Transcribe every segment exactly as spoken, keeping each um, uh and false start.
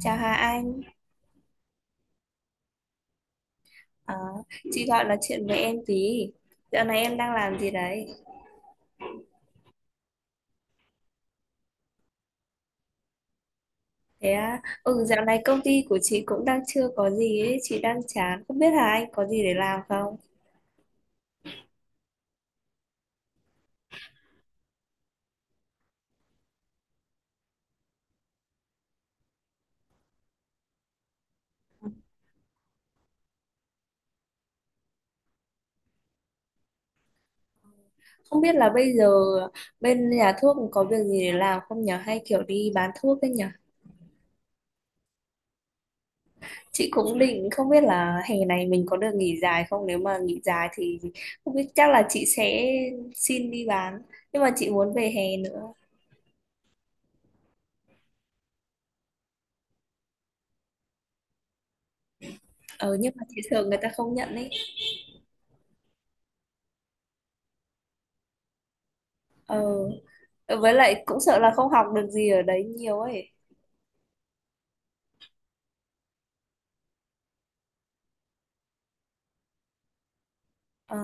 Chào Hà Anh. Ờ, chị gọi là chuyện với em tí. Dạo này em đang làm gì đấy? Thế à? Ừ, dạo này công ty của chị cũng đang chưa có gì ấy, chị đang chán. Không biết Hà Anh có gì để làm không? Không biết là bây giờ bên nhà thuốc có việc gì để làm không nhở? Hay kiểu đi bán thuốc ấy nhở? Chị cũng định không biết là hè này mình có được nghỉ dài không? Nếu mà nghỉ dài thì không biết chắc là chị sẽ xin đi bán. Nhưng mà chị muốn về hè nữa. Ờ, nhưng mà chị sợ người ta không nhận ấy. Ờ, với lại cũng sợ là không học được gì ở đấy nhiều ấy. Ờ,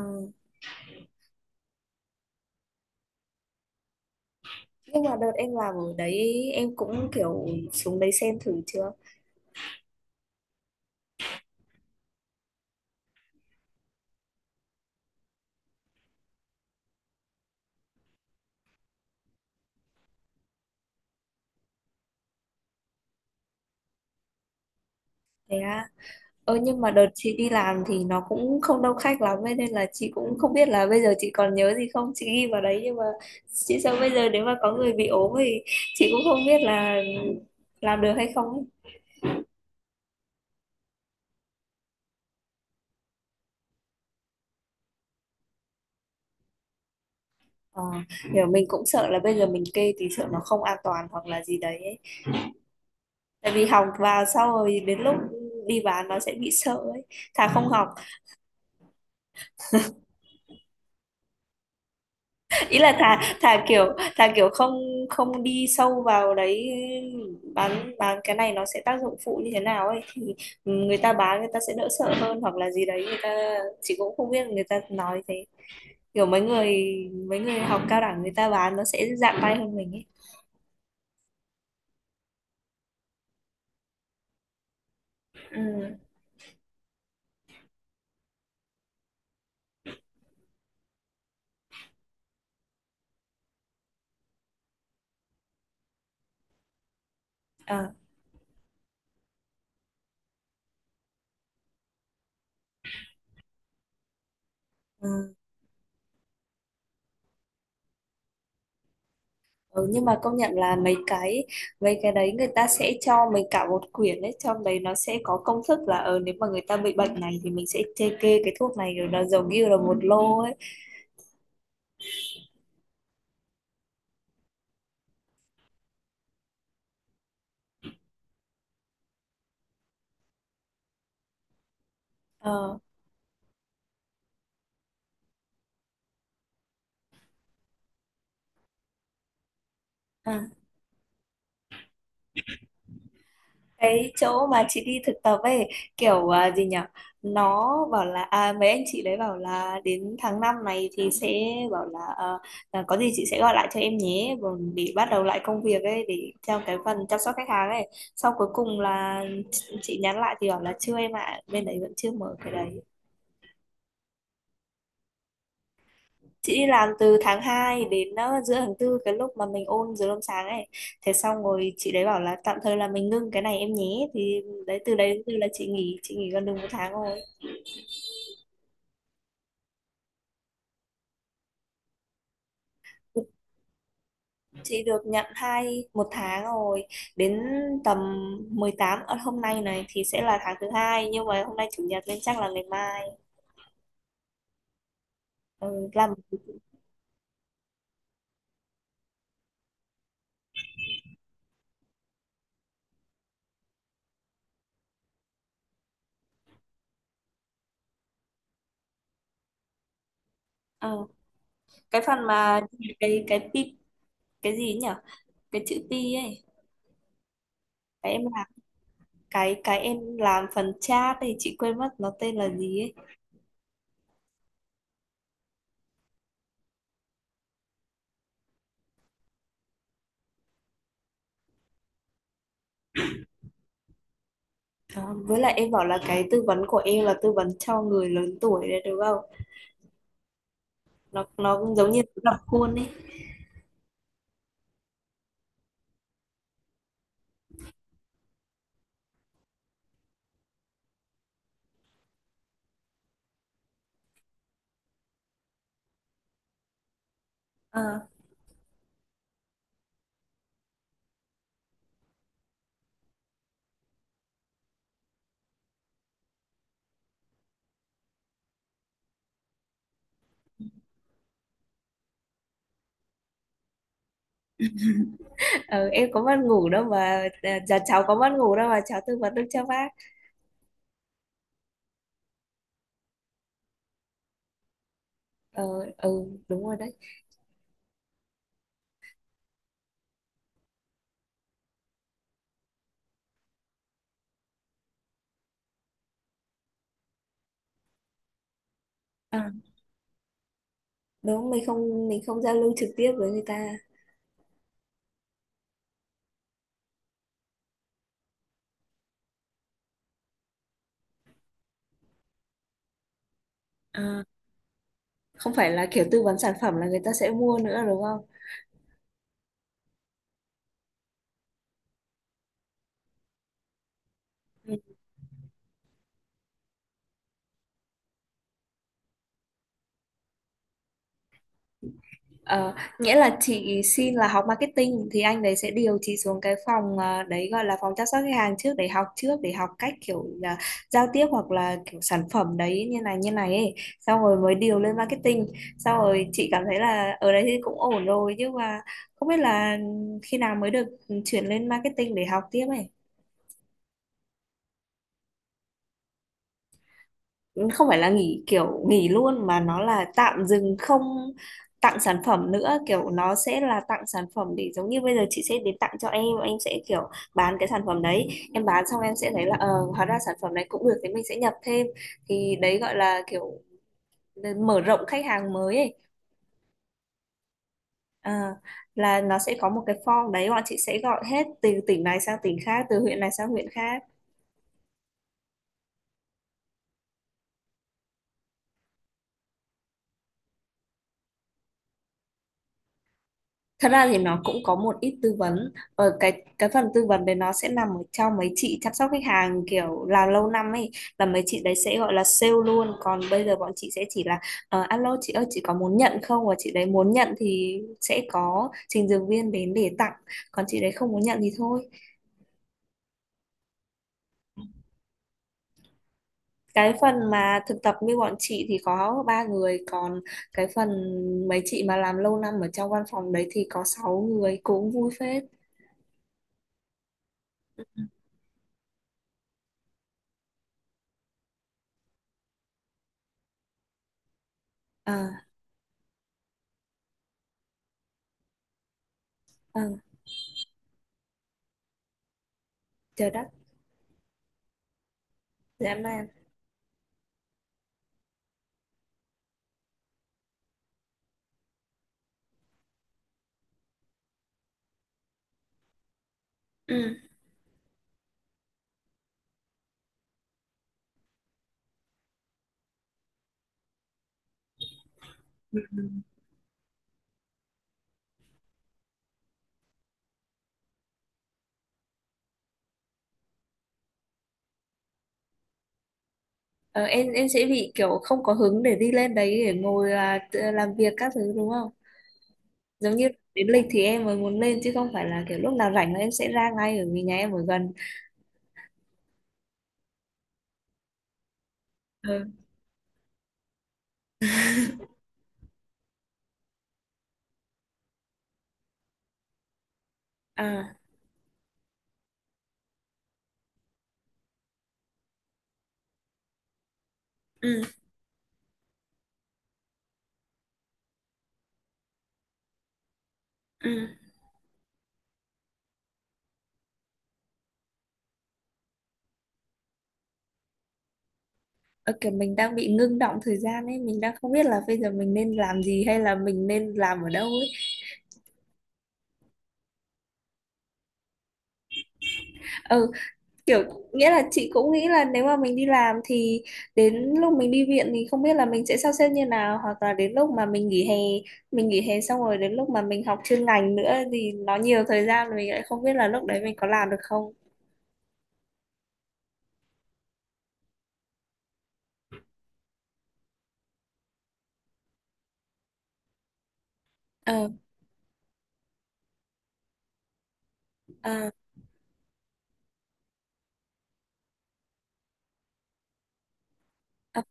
nhưng mà đợt em làm ở đấy em cũng kiểu xuống đấy xem thử chưa. Thế à? Ơ, nhưng mà đợt chị đi làm thì nó cũng không đông khách lắm ấy, nên là chị cũng không biết là bây giờ chị còn nhớ gì không, chị ghi vào đấy, nhưng mà chị sợ bây giờ nếu mà có người bị ốm thì chị cũng không biết là làm được hay không ấy. Ờ, kiểu mình cũng sợ là bây giờ mình kê thì sợ nó không an toàn hoặc là gì đấy ấy. Tại vì học vào sau rồi đến lúc đi bán nó sẽ bị sợ ấy, thà không học. Ý là thà thà kiểu thà kiểu không không đi sâu vào đấy, bán bán cái này nó sẽ tác dụng phụ như thế nào ấy, thì người ta bán người ta sẽ đỡ sợ hơn hoặc là gì đấy, người ta, chị cũng không biết, người ta nói thế, kiểu mấy người mấy người học cao đẳng người ta bán nó sẽ dạng tay hơn mình ấy. Ừ. Ờ. Ừ. Ừ, nhưng mà công nhận là mấy cái mấy cái đấy người ta sẽ cho mình cả một quyển, đấy trong đấy nó sẽ có công thức là, ờ nếu mà người ta bị bệnh này thì mình sẽ kê kê cái thuốc này, rồi nó giống như là một lô ấy. Ờ. À. Cái chỗ mà chị đi thực tập ấy kiểu, à, gì nhỉ, nó bảo là, à, mấy anh chị đấy bảo là đến tháng năm này thì sẽ bảo là, ờ, là có gì chị sẽ gọi lại cho em nhé, còn để bắt đầu lại công việc ấy, để theo cái phần chăm sóc khách hàng ấy. Sau cuối cùng là chị nhắn lại thì bảo là chưa em ạ, bên đấy vẫn chưa mở cái đấy. Chị đi làm từ tháng hai đến uh, giữa tháng tư, cái lúc mà mình ôn dưới hôm sáng ấy. Thế xong rồi chị đấy bảo là tạm thời là mình ngưng cái này em nhé, thì đấy từ đấy đến từ là chị nghỉ chị nghỉ gần được một tháng rồi. Chị được nhận hai một tháng rồi. Đến tầm mười tám ở hôm nay này thì sẽ là tháng thứ hai, nhưng mà hôm nay chủ nhật nên chắc là ngày mai. Ừ, làm. Ờ, cái phần mà, cái cái pi, cái gì nhỉ, cái chữ pi ấy, cái em, cái cái em làm phần chat thì chị quên mất nó tên là gì ấy. Đó, với lại em bảo là cái tư vấn của em là tư vấn cho người lớn tuổi đấy đúng không, nó nó cũng giống như nó dập khuôn ấy. Ờ, ờ, em có mất ngủ đâu mà, à, dạ cháu có mất ngủ đâu mà cháu tư vấn được cho bác. Ờ. Ừ. Đúng rồi đấy. À, đúng, mình không mình không giao lưu trực tiếp với người ta. À, không phải là kiểu tư vấn sản phẩm là người ta sẽ mua nữa đúng không. Ờ, nghĩa là chị xin là học marketing thì anh đấy sẽ điều chị xuống cái phòng, ờ, đấy gọi là phòng chăm sóc khách hàng trước, để học, trước để học cách kiểu là giao tiếp hoặc là kiểu sản phẩm đấy như này như này ấy, xong rồi mới điều lên marketing, xong rồi chị cảm thấy là ở đấy thì cũng ổn rồi, nhưng mà không biết là khi nào mới được, ừ, chuyển lên marketing để học tiếp ấy. Không phải là nghỉ kiểu nghỉ luôn mà nó là tạm dừng, không tặng sản phẩm nữa, kiểu nó sẽ là tặng sản phẩm để giống như bây giờ chị sẽ đến tặng cho em em sẽ kiểu bán cái sản phẩm đấy. Em bán xong em sẽ thấy là, ờ hóa ra sản phẩm này cũng được thì mình sẽ nhập thêm, thì đấy gọi là kiểu mở rộng khách hàng mới ấy. Ờ, là nó sẽ có một cái form đấy, bọn chị sẽ gọi hết từ tỉnh này sang tỉnh khác, từ huyện này sang huyện khác. Thật ra thì nó cũng có một ít tư vấn ở cái cái phần tư vấn đấy nó sẽ nằm ở trong mấy chị chăm sóc khách hàng kiểu làm lâu năm ấy, là mấy chị đấy sẽ gọi là sale luôn, còn bây giờ bọn chị sẽ chỉ là, ờ, alo chị ơi chị có muốn nhận không, và chị đấy muốn nhận thì sẽ có trình dược viên đến để tặng, còn chị đấy không muốn nhận thì thôi. Cái phần mà thực tập như bọn chị thì có ba người, còn cái phần mấy chị mà làm lâu năm ở trong văn phòng đấy thì có sáu người, cũng vui phết. À. À. Chờ đã. Dạ em đây. Ừ. Ờ, em em sẽ bị kiểu không có hứng để đi lên đấy để ngồi là tự- làm việc các thứ đúng không? Giống như đến lịch thì em mới muốn lên chứ không phải là kiểu lúc nào rảnh là em sẽ ra ngay ở vì nhà em ở gần. Ừ. À, ừ, ừ. Ờ, kiểu mình đang bị ngưng động thời gian ấy, mình đang không biết là bây giờ mình nên làm gì hay là mình nên làm ở đâu ấy. Ừ, kiểu, nghĩa là chị cũng nghĩ là nếu mà mình đi làm thì đến lúc mình đi viện thì không biết là mình sẽ sắp xếp như nào, hoặc là đến lúc mà mình nghỉ hè, mình nghỉ hè xong rồi đến lúc mà mình học chuyên ngành nữa thì nó nhiều thời gian rồi, mình lại không biết là lúc đấy mình có làm được không. Ờ. Ờ. Ờ,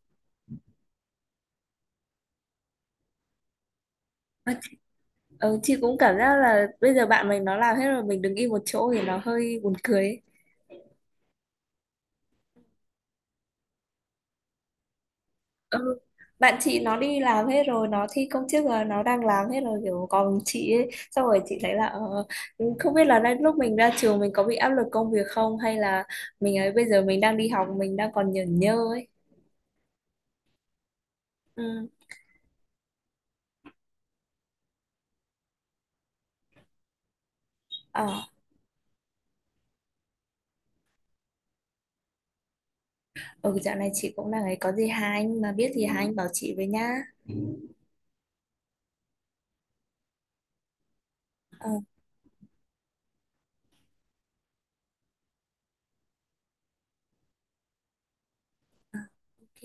ờ, chị cũng cảm giác là bây giờ bạn mình nó làm hết rồi, mình đứng im một chỗ thì nó hơi buồn cười ấy. Ừ. Bạn chị nó đi làm hết rồi, nó thi công chức rồi, nó đang làm hết rồi, kiểu còn chị ấy, xong rồi chị thấy là, ờ, không biết là đến lúc mình ra trường mình có bị áp lực công việc không, hay là mình ấy bây giờ mình đang đi học, mình đang còn nhởn nhơ ấy. Ừ. Ờ. Ừ, dạo này chị cũng đang ấy, có gì hai anh mà biết gì hai anh bảo chị với nhá. Ờ. OK.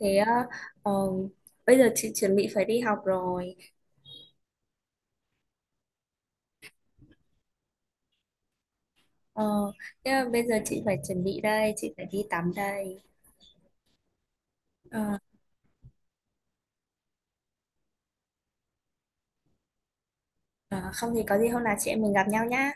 Thế, ờ, ờ, bây giờ chị chuẩn bị phải đi học rồi. Ờ, thế là bây giờ chị phải chuẩn bị đây, chị phải đi tắm đây. Ờ. Ờ, không thì có gì hôm nào chị em mình gặp nhau nhá.